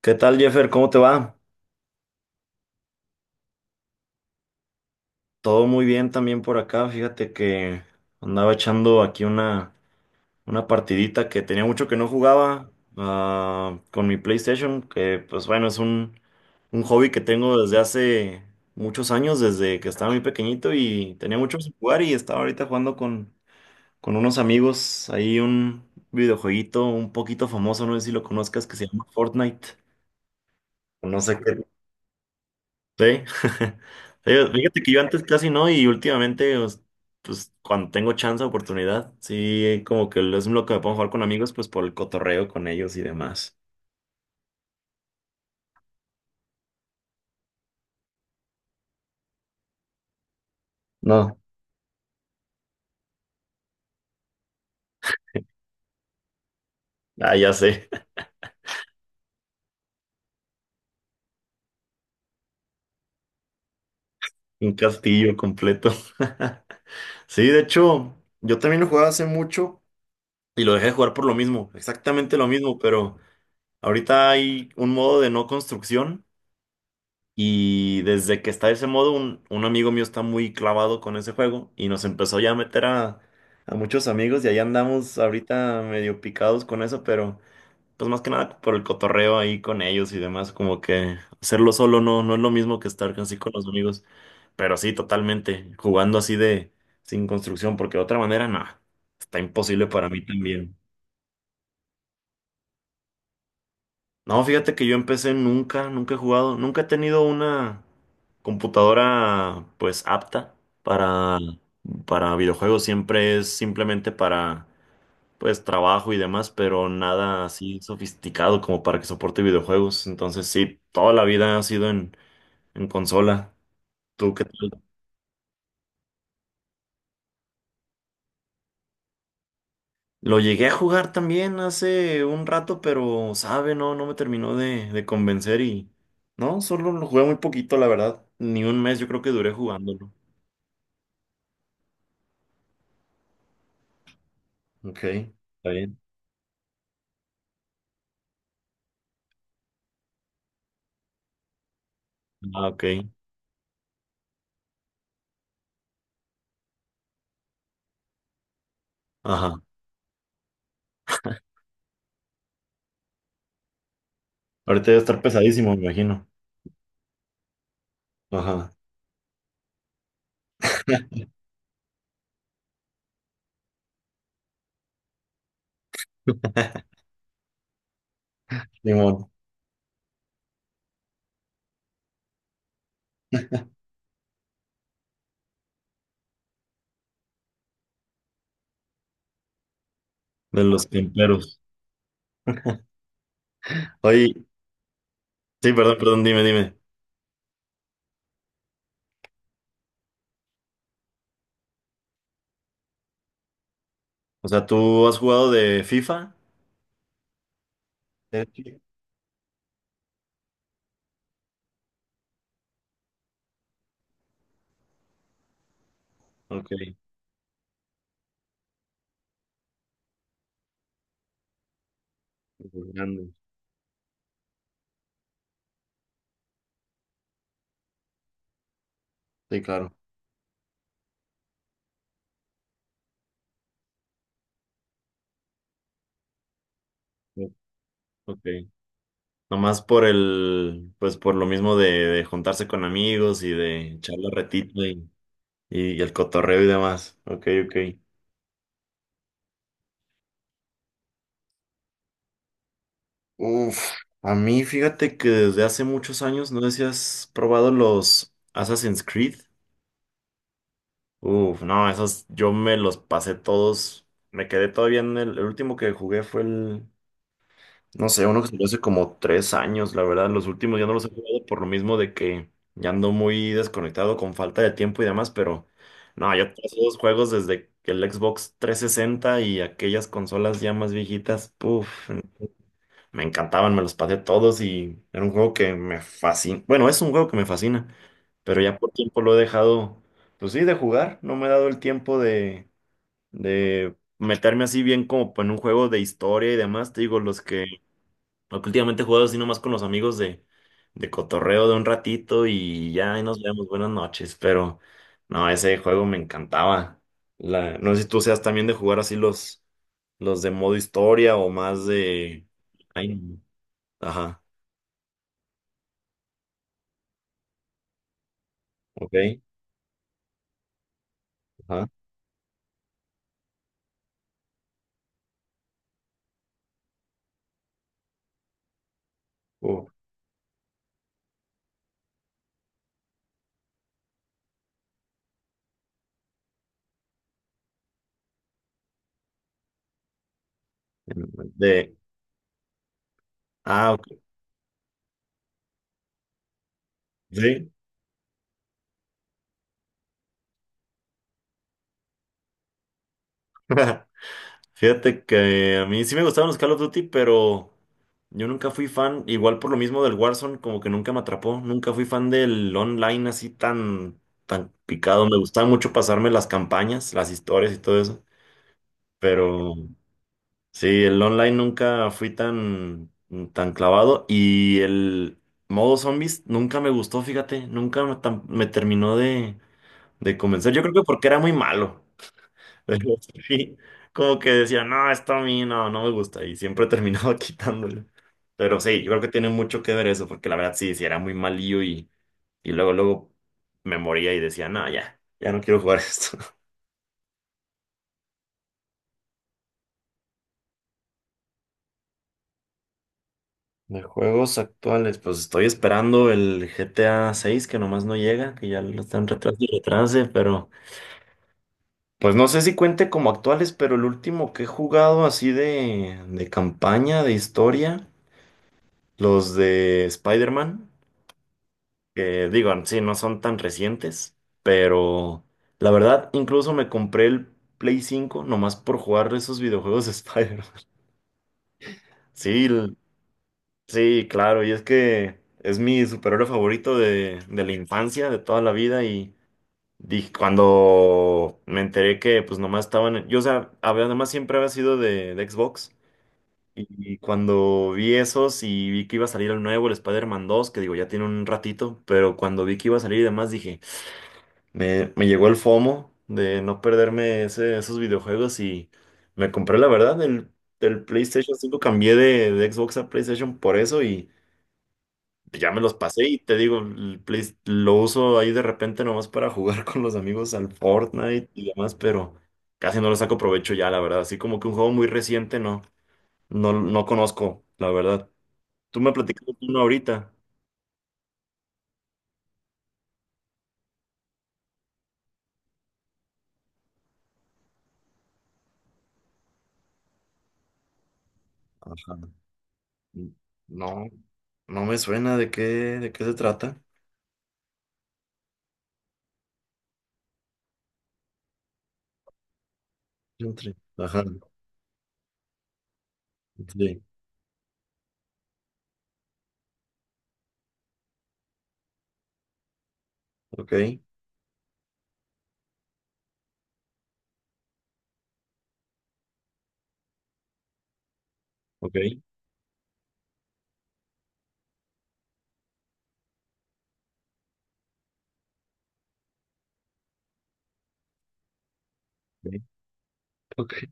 ¿Qué tal, Jeffer? ¿Cómo te va? Todo muy bien también por acá. Fíjate que andaba echando aquí una partidita que tenía mucho que no jugaba con mi PlayStation, que pues bueno, es un hobby que tengo desde hace muchos años, desde que estaba muy pequeñito y tenía mucho que jugar y estaba ahorita jugando con unos amigos. Ahí un videojueguito un poquito famoso, no sé si lo conozcas, que se llama Fortnite. No sé qué. Sí. Fíjate que yo antes casi no y últimamente, cuando tengo chance, oportunidad, sí, como que es lo que me pongo a jugar con amigos, pues por el cotorreo con ellos y demás. No, ah, ya sé. Un castillo completo. Sí, de hecho, yo también lo jugaba hace mucho y lo dejé de jugar por lo mismo, exactamente lo mismo, pero ahorita hay un modo de no construcción. Y desde que está ese modo, un amigo mío está muy clavado con ese juego y nos empezó ya a meter a muchos amigos y ahí andamos ahorita medio picados con eso, pero pues más que nada por el cotorreo ahí con ellos y demás, como que hacerlo solo no es lo mismo que estar así con los amigos, pero sí, totalmente, jugando así de sin construcción, porque de otra manera, nada, está imposible para mí también. No, fíjate que yo empecé nunca, nunca he jugado, nunca he tenido una computadora pues apta para, para videojuegos, siempre es simplemente para pues trabajo y demás, pero nada así sofisticado como para que soporte videojuegos. Entonces sí, toda la vida ha sido en consola. ¿Tú qué tal? Lo llegué a jugar también hace un rato, pero sabe, no, no me terminó de convencer y no, solo lo jugué muy poquito, la verdad. Ni un mes yo creo que duré jugando. Ok, está bien. Ah, ok. Ajá. Ahorita debe estar pesadísimo, me imagino. Ajá. Simón, de los temperos. Oye, sí, perdón, dime. O sea, ¿tú has jugado de FIFA? Sí. Ok, grande. Sí, claro. Sí, Ok. Nomás por el, pues por lo mismo de juntarse con amigos y de echar la retita y el cotorreo y demás. Ok, ok. Uf, a mí fíjate que desde hace muchos años, no sé si has probado los Assassin's Creed. Uf, no, esos yo me los pasé todos. Me quedé todavía en el último que jugué fue el, no sé, uno que salió hace como 3 años, la verdad. Los últimos ya no los he jugado por lo mismo de que ya ando muy desconectado con falta de tiempo y demás, pero no, yo todos esos juegos desde que el Xbox 360 y aquellas consolas ya más viejitas, puf, me encantaban, me los pasé todos y era un juego que me fascina. Bueno, es un juego que me fascina, pero ya por tiempo lo he dejado, pues sí, de jugar. No me he dado el tiempo de meterme así bien como en un juego de historia y demás. Te digo, los que últimamente he jugado así nomás con los amigos de cotorreo de un ratito y ya ahí nos vemos, buenas noches. Pero no, ese juego me encantaba. La, no sé si tú seas también de jugar así los de modo historia o más de... Ay, Ajá, ok, ajá. Uh, de, ah, ok, sí. Fíjate que a mí sí me gustaban los Call of Duty, pero yo nunca fui fan, igual por lo mismo del Warzone, como que nunca me atrapó, nunca fui fan del online así tan, tan picado. Me gustaba mucho pasarme las campañas, las historias y todo eso, pero sí, el online nunca fui tan, tan clavado y el modo zombies nunca me gustó, fíjate, nunca me tam- me terminó de comenzar. Yo creo que porque era muy malo. Pero sí, como que decía, no, esto a mí no, no me gusta. Y siempre terminaba quitándolo. Pero sí, yo creo que tiene mucho que ver eso, porque la verdad sí, sí era muy malillo y luego me moría y decía, no, ya, ya no quiero jugar esto. De juegos actuales, pues estoy esperando el GTA 6 que nomás no llega, que ya lo están retrasando y retrase, pero pues no sé si cuente como actuales, pero el último que he jugado así de campaña, de historia. Los de Spider-Man, que digo, sí, no son tan recientes, pero la verdad, incluso me compré el Play 5 nomás por jugar esos videojuegos de Spider-Man. Sí, l- sí, claro, y es que es mi superhéroe favorito de la infancia, de toda la vida, y dije, cuando me enteré que pues nomás estaban, yo, o sea, había- además siempre había sido de Xbox. Y cuando vi esos y vi que iba a salir el nuevo, el Spider-Man 2, que digo, ya tiene un ratito, pero cuando vi que iba a salir y demás, dije, me llegó el FOMO de no perderme esos videojuegos y me compré, la verdad, el PlayStation 5 cambié de Xbox a PlayStation por eso y ya me los pasé y te digo, lo uso ahí de repente nomás para jugar con los amigos al Fortnite y demás, pero casi no lo saco provecho ya, la verdad, así como que un juego muy reciente, no conozco, la verdad. Tú me platicaste uno ahorita. Ajá. N- No, no me suena de qué se trata. Entre- Ajá. Sí. Ok. Ok. Ok. Ok.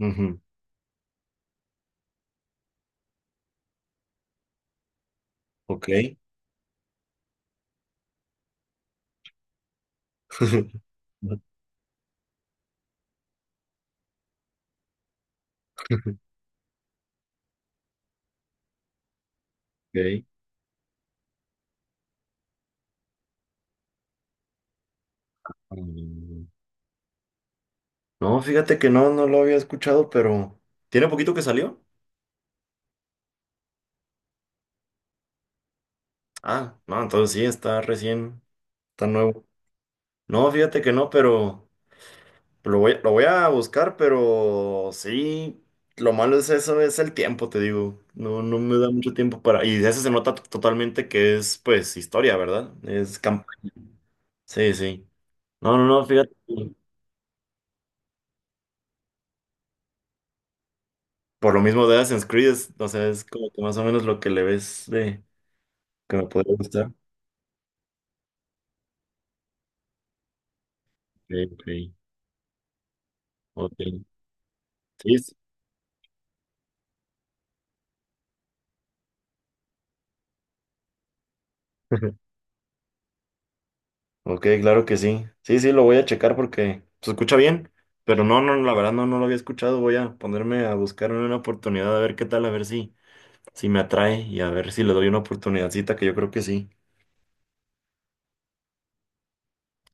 Ujú, Ok. Ok. Mm, no, fíjate que no, no lo había escuchado, pero ¿tiene poquito que salió? Ah, no, entonces sí, está recién, está nuevo. No, fíjate que no, pero lo voy a buscar, pero sí, lo malo es eso, es el tiempo, te digo. No, no me da mucho tiempo para... Y de eso se nota totalmente que es, pues, historia, ¿verdad? Es campaña. Sí, sí. No, no, no, fíjate. Por lo mismo de Assassin's Creed, es- o sea, es como que más o menos lo que le ves de... que me podría gustar. Ok, ok, ok. Sí. Sí. Ok, claro que sí. Sí, sí, lo voy a checar porque se escucha bien, pero no, no, la verdad no, no lo había escuchado. Voy a ponerme a buscar una oportunidad a ver qué tal, a ver si, si me atrae y a ver si le doy una oportunidadcita, que yo creo que sí.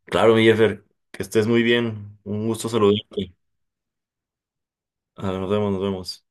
Claro, mi Jeffer, que estés muy bien. Un gusto saludarte. Ah, nos vemos, nos vemos.